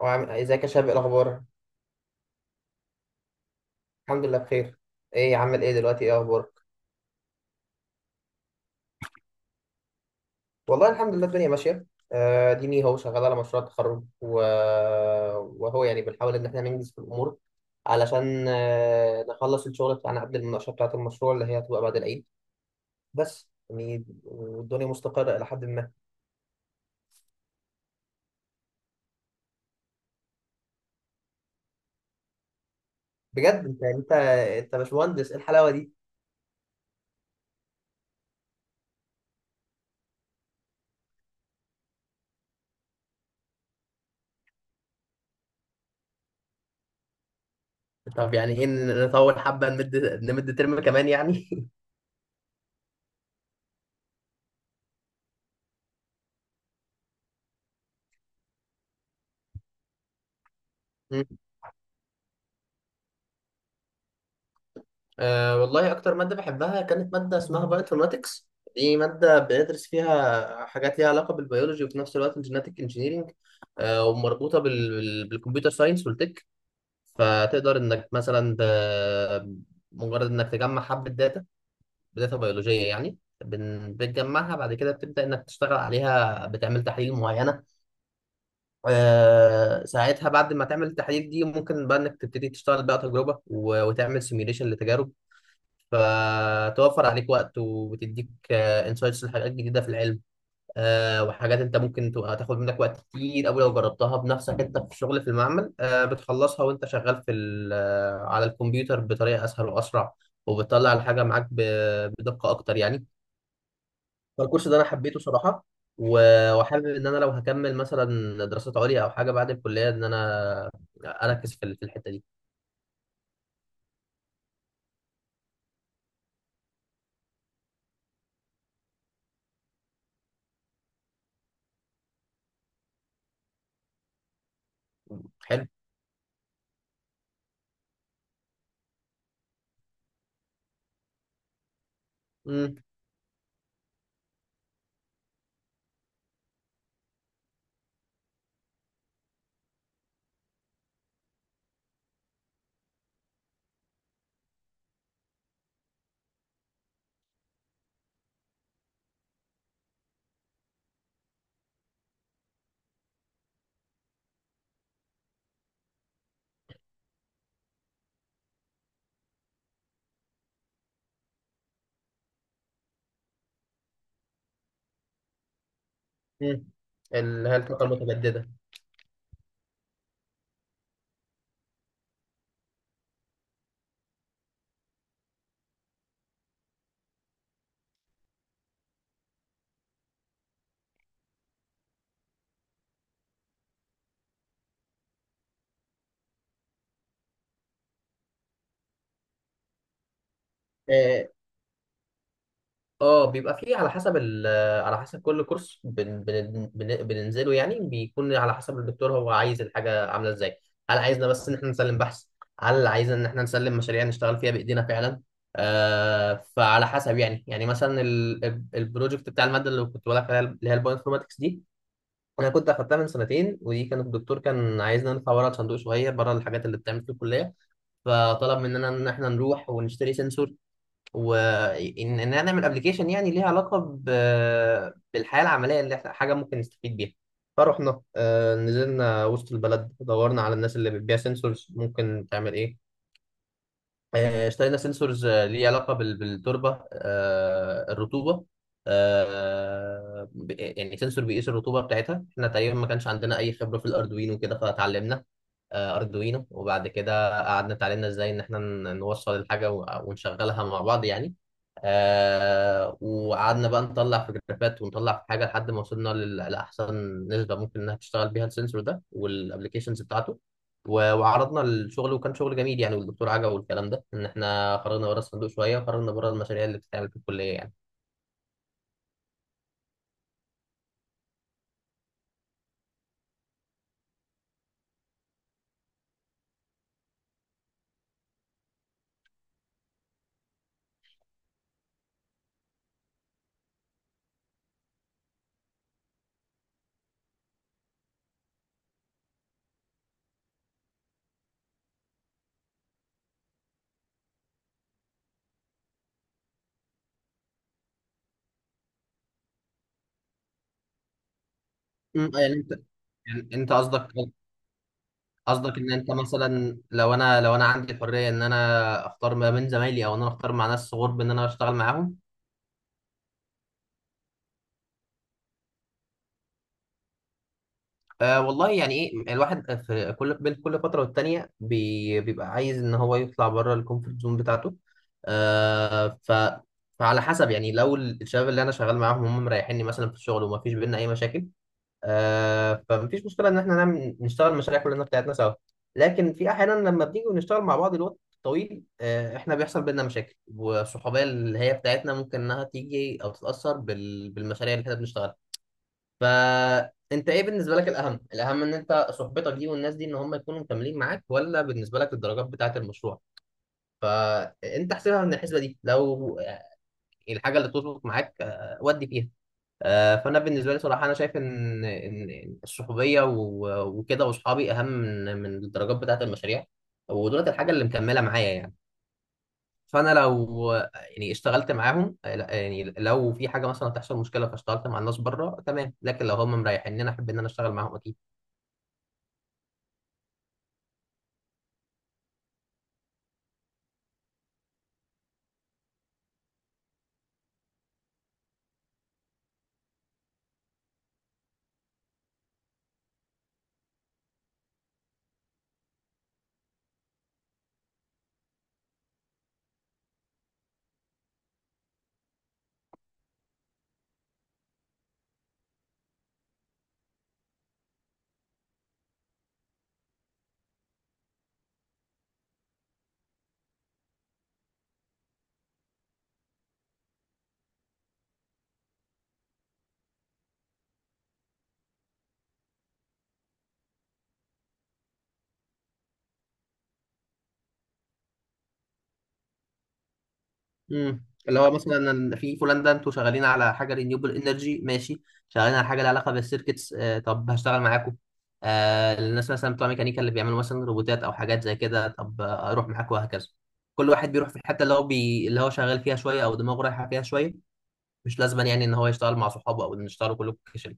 وعامل ازيك يا شباب؟ إيه الاخبار؟ الحمد لله بخير. ايه عامل ايه دلوقتي؟ ايه اخبارك؟ والله الحمد لله الدنيا ماشيه. ديني هو شغال على مشروع التخرج و... وهو يعني بنحاول ان احنا ننجز في الامور، علشان نخلص الشغل بتاعنا قبل المناقشه بتاعه المشروع اللي هي هتبقى بعد العيد. بس يعني والدنيا مستقره الى حد ما. بجد انت انت باشمهندس، ايه الحلاوه دي! طب يعني ايه، نطول حبه، نمد ترم كمان يعني. أه والله أكتر مادة بحبها كانت مادة اسمها بايوانفورماتكس. دي مادة بندرس فيها حاجات ليها علاقة بالبيولوجي، وفي نفس الوقت الجيناتيك انجينيرينج. أه ومربوطة بالكمبيوتر ساينس والتك. فتقدر إنك مثلا مجرد إنك تجمع حبة داتا، بداتا بيولوجية يعني. بتجمعها، بعد كده بتبدأ إنك تشتغل عليها، بتعمل تحاليل معينة. أه ساعتها بعد ما تعمل التحاليل دي ممكن بقى إنك تبتدي تشتغل بقى تجربة وتعمل سيميوليشن لتجارب، فتوفر عليك وقت وبتديك انسايتس لحاجات جديده في العلم. وحاجات انت ممكن تبقى تاخد منك وقت كتير قوي لو جربتها بنفسك انت في الشغل في المعمل، بتخلصها وانت شغال في على الكمبيوتر بطريقه اسهل واسرع، وبتطلع الحاجه معاك بدقه اكتر يعني. فالكورس ده انا حبيته صراحه. و- وحابب ان انا لو هكمل مثلا دراسات عليا او حاجه بعد الكليه ان انا اركز في في الحته دي. حلو. امم. امم، اللي هي الطاقه المتجدده. آه، اه بيبقى فيه على حسب على حسب كل كورس بن بن بن بننزله، يعني بيكون على حسب الدكتور هو عايز الحاجة عاملة ازاي. هل عايزنا بس ان احنا نسلم بحث، هل عايزنا ان احنا نسلم مشاريع نشتغل فيها بايدينا فعلا. فعلى حسب يعني. مثلا البروجكت بتاع المادة اللي كنت بقول لك عليها، اللي هي البايو انفورماتكس دي، انا كنت اخدتها من سنتين، ودي كان الدكتور كان عايزنا نطلع بره الصندوق شوية، بره الحاجات اللي بتتعمل في الكلية. فطلب مننا ان احنا نروح ونشتري سنسور، وان ان انا اعمل ابلكيشن يعني ليها علاقه بالحياه العمليه، اللي احنا حاجه ممكن نستفيد بيها. فرحنا، نزلنا وسط البلد، دورنا على الناس اللي بتبيع سنسورز ممكن تعمل ايه. اشترينا سنسورز ليه علاقه بالتربه، الرطوبه، يعني سنسور بيقيس الرطوبه بتاعتها. احنا تقريبا ما كانش عندنا اي خبره في الاردوينو وكده، فتعلمنا اردوينو، وبعد كده قعدنا اتعلمنا ازاي ان احنا نوصل الحاجه ونشغلها مع بعض يعني. آه وقعدنا بقى نطلع في جرافات ونطلع في حاجه لحد ما وصلنا لاحسن نسبه ممكن انها تشتغل بيها السنسور ده والابلكيشنز بتاعته. و- وعرضنا الشغل، وكان شغل جميل يعني، والدكتور عجبه والكلام ده، ان احنا خرجنا بره الصندوق شويه وخرجنا بره المشاريع اللي بتتعمل في الكليه يعني. أمم، يعني انت. يعني انت قصدك قصدك ان انت مثلا، لو انا عندي الحريه ان انا اختار ما بين زمايلي، او ان انا اختار مع ناس غرب ان انا اشتغل معاهم. آه والله يعني ايه، الواحد في كل بين كل فتره والتانيه بيبقى عايز ان هو يطلع بره الكومفورت زون بتاعته. آه ف فعلى حسب يعني. لو الشباب اللي انا شغال معاهم هم مريحيني مثلا في الشغل وما فيش بينا اي مشاكل، فمفيش مشكله ان احنا نشتغل مشاريع كلنا بتاعتنا سوا. لكن في احيانا لما بنيجي ونشتغل مع بعض الوقت طويل، آه احنا بيحصل بينا مشاكل، والصحوبيه اللي هي بتاعتنا ممكن انها تيجي او تتاثر بالمشاريع اللي احنا بنشتغلها. فانت ايه بالنسبه لك الاهم؟ ان انت صحبتك دي والناس دي ان هم يكونوا مكملين معاك، ولا بالنسبه لك الدرجات بتاعه المشروع؟ فانت احسبها من الحسبه دي. لو الحاجه اللي تظبط معاك، ودي فيها، فانا بالنسبه لي صراحه انا شايف ان الصحوبيه وكده واصحابي اهم من الدرجات بتاعه المشاريع. ودولت الحاجه اللي مكمله معايا يعني. فانا لو يعني اشتغلت معاهم، لا، يعني لو في حاجه مثلا تحصل مشكله، فاشتغلت مع الناس بره تمام. لكن لو هم مريحين ان انا احب ان انا اشتغل معاهم اكيد. امم، اللي هو مثلا في بولندا انتوا شغالين على حاجه رينيوبل انرجي، ماشي. شغالين على حاجه لها علاقه بالسيركتس، آه طب هشتغل معاكم. آه الناس مثلا بتوع ميكانيكا اللي بيعملوا مثلا روبوتات او حاجات زي كده، طب اروح معاكم، وهكذا. كل واحد بيروح في الحته اللي هو اللي هو شغال فيها شويه، او دماغه رايحه فيها شويه. مش لازم يعني ان هو يشتغل مع صحابه، او ان يشتغلوا كلكم كشري.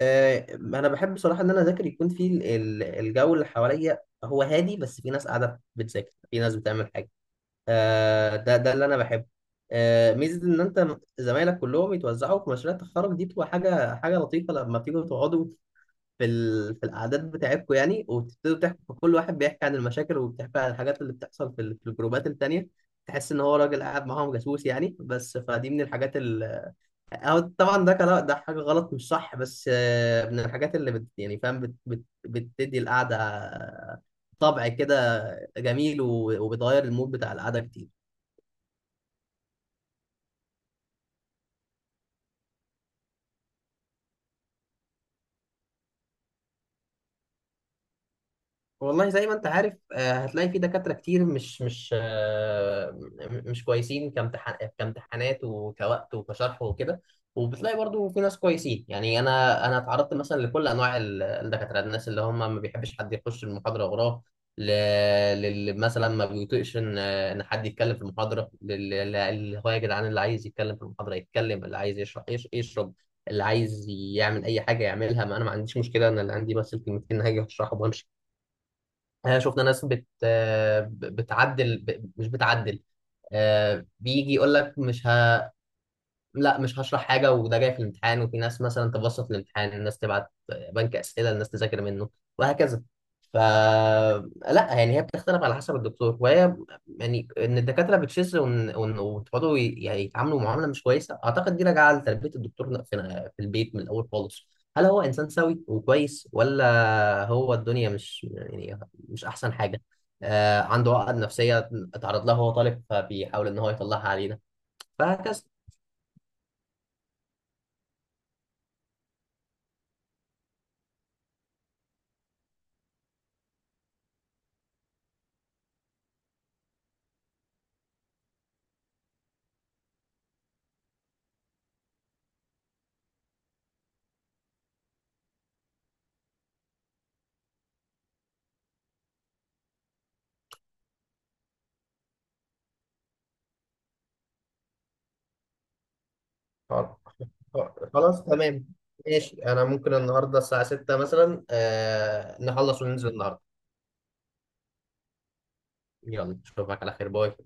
آه انا بحب بصراحه ان انا اذاكر يكون في الجو اللي حواليا هو هادي، بس في ناس قاعده بتذاكر، في ناس بتعمل حاجه. ده اللي انا بحبه. ميزه ان انت زمايلك كلهم يتوزعوا في مشاريع التخرج دي، بتبقى حاجه لطيفه لما بتيجوا تقعدوا في في القعدات بتاعتكم يعني، وتبتدوا تحكوا، كل واحد بيحكي عن المشاكل وبيحكي عن الحاجات اللي بتحصل في الجروبات التانيه. تحس ان هو راجل قاعد معاهم جاسوس يعني. بس فدي من الحاجات أو طبعا ده كلام، ده حاجه غلط مش صح، بس من الحاجات يعني فاهم، بتدي القعده طبع كده جميل، و... وبتغير المود بتاع القعده كتير. والله زي ما انت عارف، هتلاقي في دكاترة كتير مش مش آه، م- مش كويسين، كامتحان، وكوقت وكشرح وكده. وبتلاقي برضو في ناس كويسين يعني. انا اتعرضت مثلا لكل انواع الدكاترة. الناس اللي هم ما بيحبش حد يخش المحاضرة وراه، ل- للي مثلا ما بيطيقش ان حد يتكلم في المحاضرة، اللي هو يا جدعان اللي عايز يتكلم في المحاضرة يتكلم، اللي عايز يشرح يشرب، اللي عايز يعمل اي حاجة يعملها، ما انا ما عنديش مشكلة، انا اللي عندي بس الكلمتين هاجي اشرحهم وامشي. شفنا ناس بتعدل مش بتعدل. بيجي يقول لك مش ه... لا مش هشرح حاجة، وده جاي في الامتحان. وفي ناس مثلا تبسط الامتحان، الناس تبعت بنك أسئلة، الناس تذاكر منه، وهكذا. لا يعني هي بتختلف على حسب الدكتور. وهي يعني ان الدكاترة بتشذ وتقعدوا يعني يتعاملوا معاملة مش كويسة، أعتقد دي راجعة لتربية الدكتور في في البيت من الأول خالص. هل هو إنسان سوي وكويس، ولا هو الدنيا مش يعني مش أحسن حاجة. آه عنده عقد نفسية اتعرض لها وهو طالب، فبيحاول إن هو يطلعها علينا، فهكذا. خلاص تمام، ماشي، انا ممكن النهارده الساعه 6 مثلا، نخلص وننزل النهارده. يلا اشوفك على خير، باي.